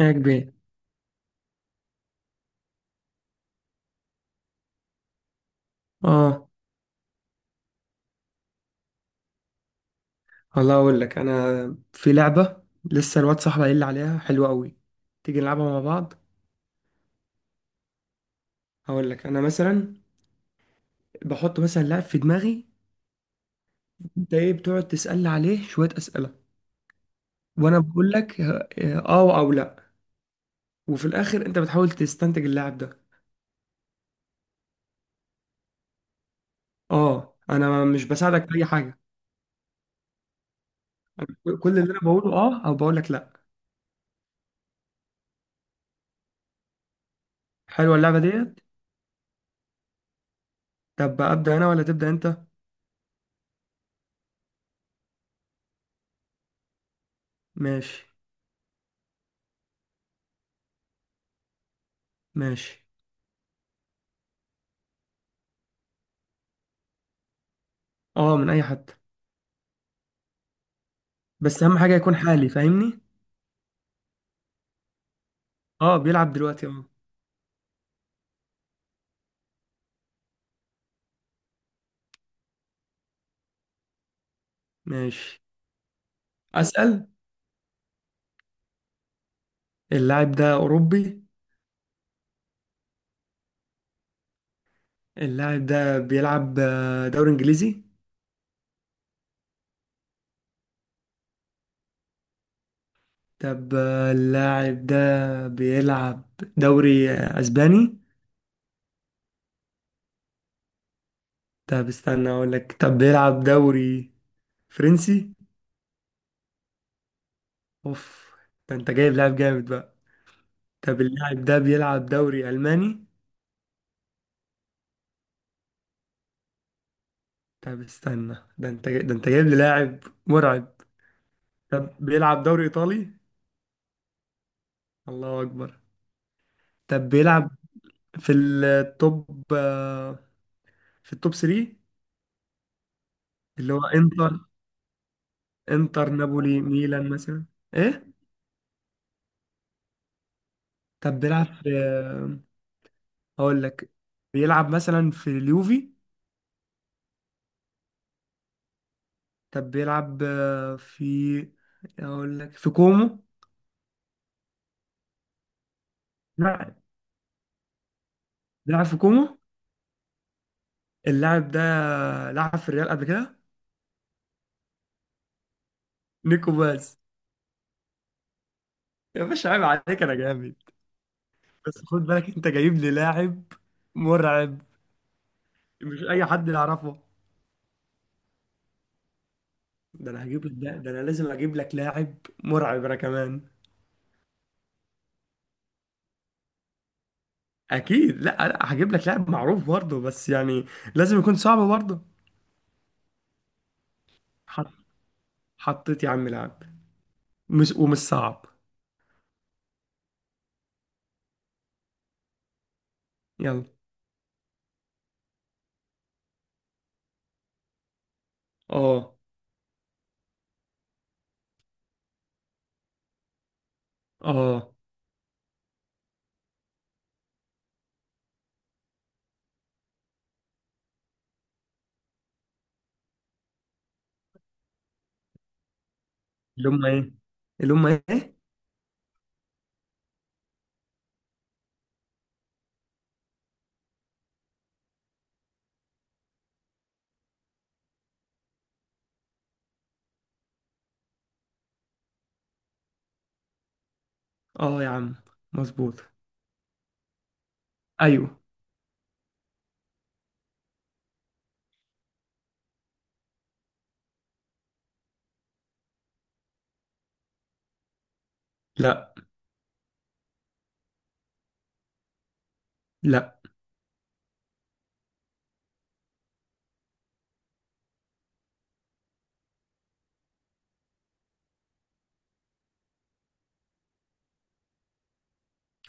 يا كبير. اه. والله اقول لك انا في لعبه لسه الواد صاحبي قايل لي عليها حلوه قوي. تيجي نلعبها مع بعض؟ هقول لك انا مثلا بحط مثلا لاعب في دماغي. انت ايه بتقعد تسالني عليه شويه اسئله. وانا بقول لك اه او لا. وفي الاخر انت بتحاول تستنتج اللاعب ده. اه، انا مش بساعدك في اي حاجه. كل اللي انا بقوله اه او بقول لك لا. حلوه اللعبه ديت. طب ابدا انا ولا تبدا انت؟ ماشي. ماشي. اه، من اي حد. بس اهم حاجه يكون حالي فاهمني. اه بيلعب دلوقتي اه. ماشي. اسأل. اللاعب ده اوروبي؟ اللاعب ده بيلعب دوري انجليزي؟ طب اللاعب ده بيلعب دوري اسباني؟ طب استنى اقول لك، طب بيلعب دوري فرنسي؟ اوف، ده انت جايب لاعب جامد بقى. طب اللاعب ده بيلعب دوري الماني؟ طب استنى، ده انت جايب لي لاعب مرعب. طب بيلعب دوري ايطالي؟ الله اكبر. طب بيلعب في التوب في التوب 3. اللي هو انتر. انتر نابولي ميلان مثلا. ايه؟ طب بيلعب في هقول لك بيلعب مثلا في اليوفي؟ طب بيلعب آه، في هقول لك في كومو. لا، بيلعب في كومو. اللاعب ده لعب في الريال قبل كده. نيكو باز. يا باشا عيب عليك انا جامد. بس خد بالك انت جايب لي لاعب مرعب، مش اي حد يعرفه. ده انا لازم اجيب لك لاعب مرعب انا كمان. اكيد، لا لا، هجيب لك لاعب معروف برضه، بس يعني لازم يكون صعب برضه. حط حطيت يا عم لاعب مش ومش صعب. يلا. اه. اه. اللي هم ايه؟ اللي هم ايه؟ اه يا عم مظبوط. ايوه. لا، لا.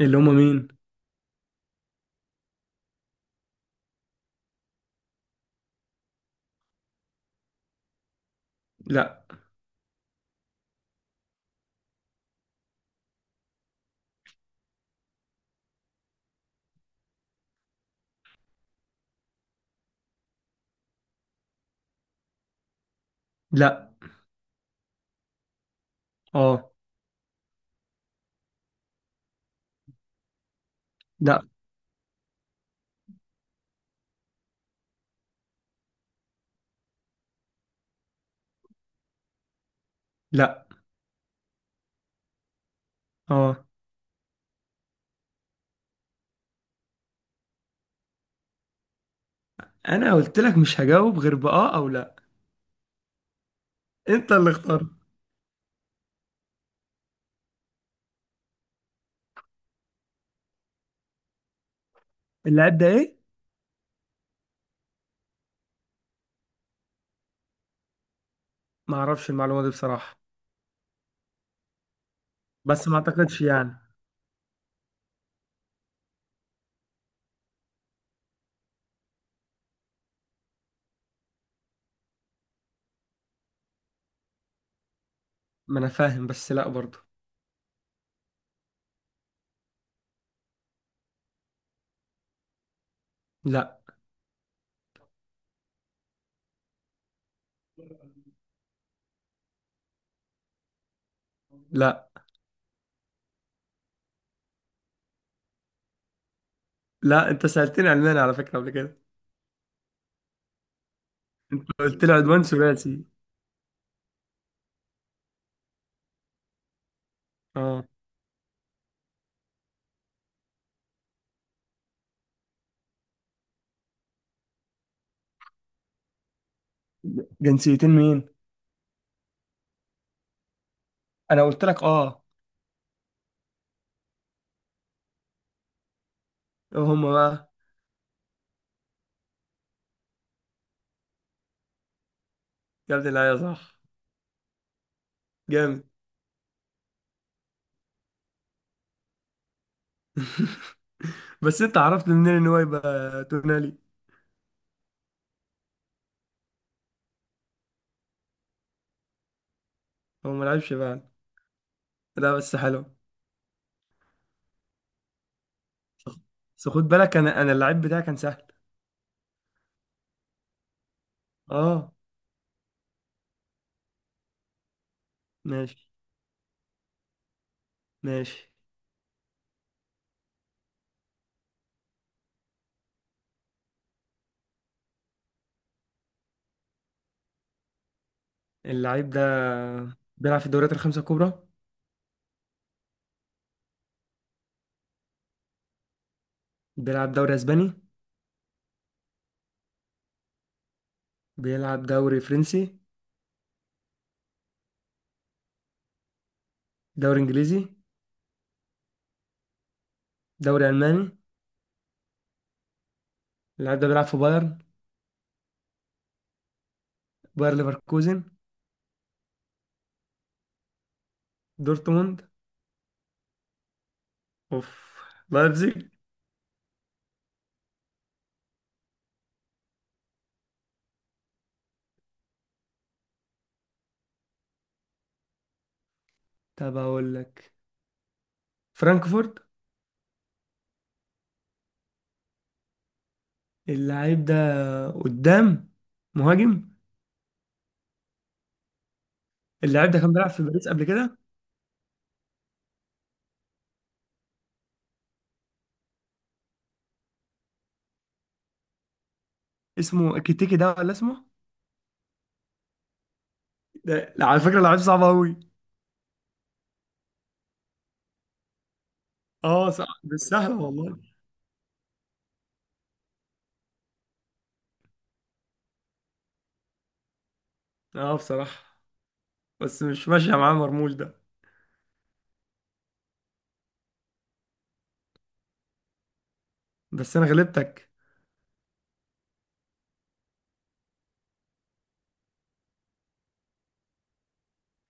اللي هم مين؟ لا. لا. اه. لا. لا. اه، انا قلت لك مش هجاوب غير باه او لا. انت اللي اخترت. اللاعب ده ايه؟ ما اعرفش المعلومه دي بصراحه. بس ما اعتقدش يعني. ما انا فاهم بس لا برضه. لا. لا، لا، انت سألتني علمان على فكرة قبل كده. قلت لي عدوان ثلاثي. اه. جنسيتين مين؟ انا قلت لك اه. هما بقى؟ يا ابن اللعيبة صح. جامد. بس انت عرفت منين ان هو يبقى تونالي؟ هو ما لعبش بقى؟ لا بس حلو. بس خد بالك انا اللعيب بتاعي كان سهل. اه. ماشي. ماشي. اللعيب ده بيلعب في الدوريات الخمسة الكبرى. بيلعب دوري اسباني؟ بيلعب دوري فرنسي؟ دوري انجليزي؟ دوري الماني؟ اللعيب ده بيلعب في بايرن؟ باير ليفركوزن؟ دورتموند؟ اوف. لايبزيج؟ طب اقول لك، فرانكفورت؟ اللعيب ده قدام؟ مهاجم؟ اللعيب ده كان بيلعب في باريس قبل كده؟ اسمه كيتيكي ده ولا اسمه؟ ده لا، على فكرة لعيب صعب قوي. اه صعب مش سهل والله. اه بصراحة، بس مش ماشية معاه مرموش ده. بس انا غلبتك.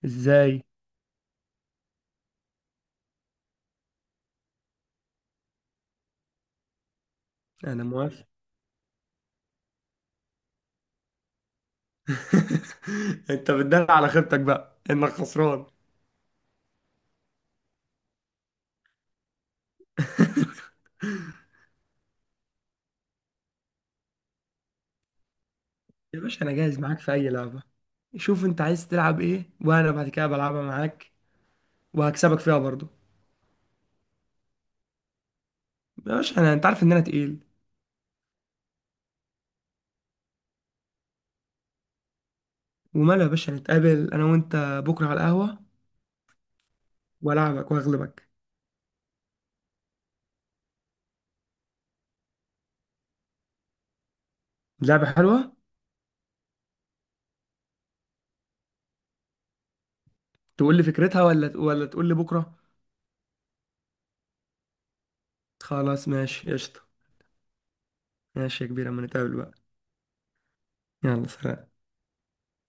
ازاي؟ انا موافق. انت بتدل على خيبتك بقى انك خسران. يا باشا انا جاهز معاك في اي لعبة. شوف انت عايز تلعب ايه، وانا بعد كده بلعبها معاك، وهكسبك فيها برضو. يا باشا، انا انت عارف ان انا تقيل. وماله يا باشا، نتقابل انا وانت بكره على القهوه، والعبك واغلبك. لعبه حلوه. تقول لي فكرتها ولا تقول لي بكره؟ خلاص ماشي قشطه. ماشي يا كبير، اما نتقابل بقى. يلا سلام.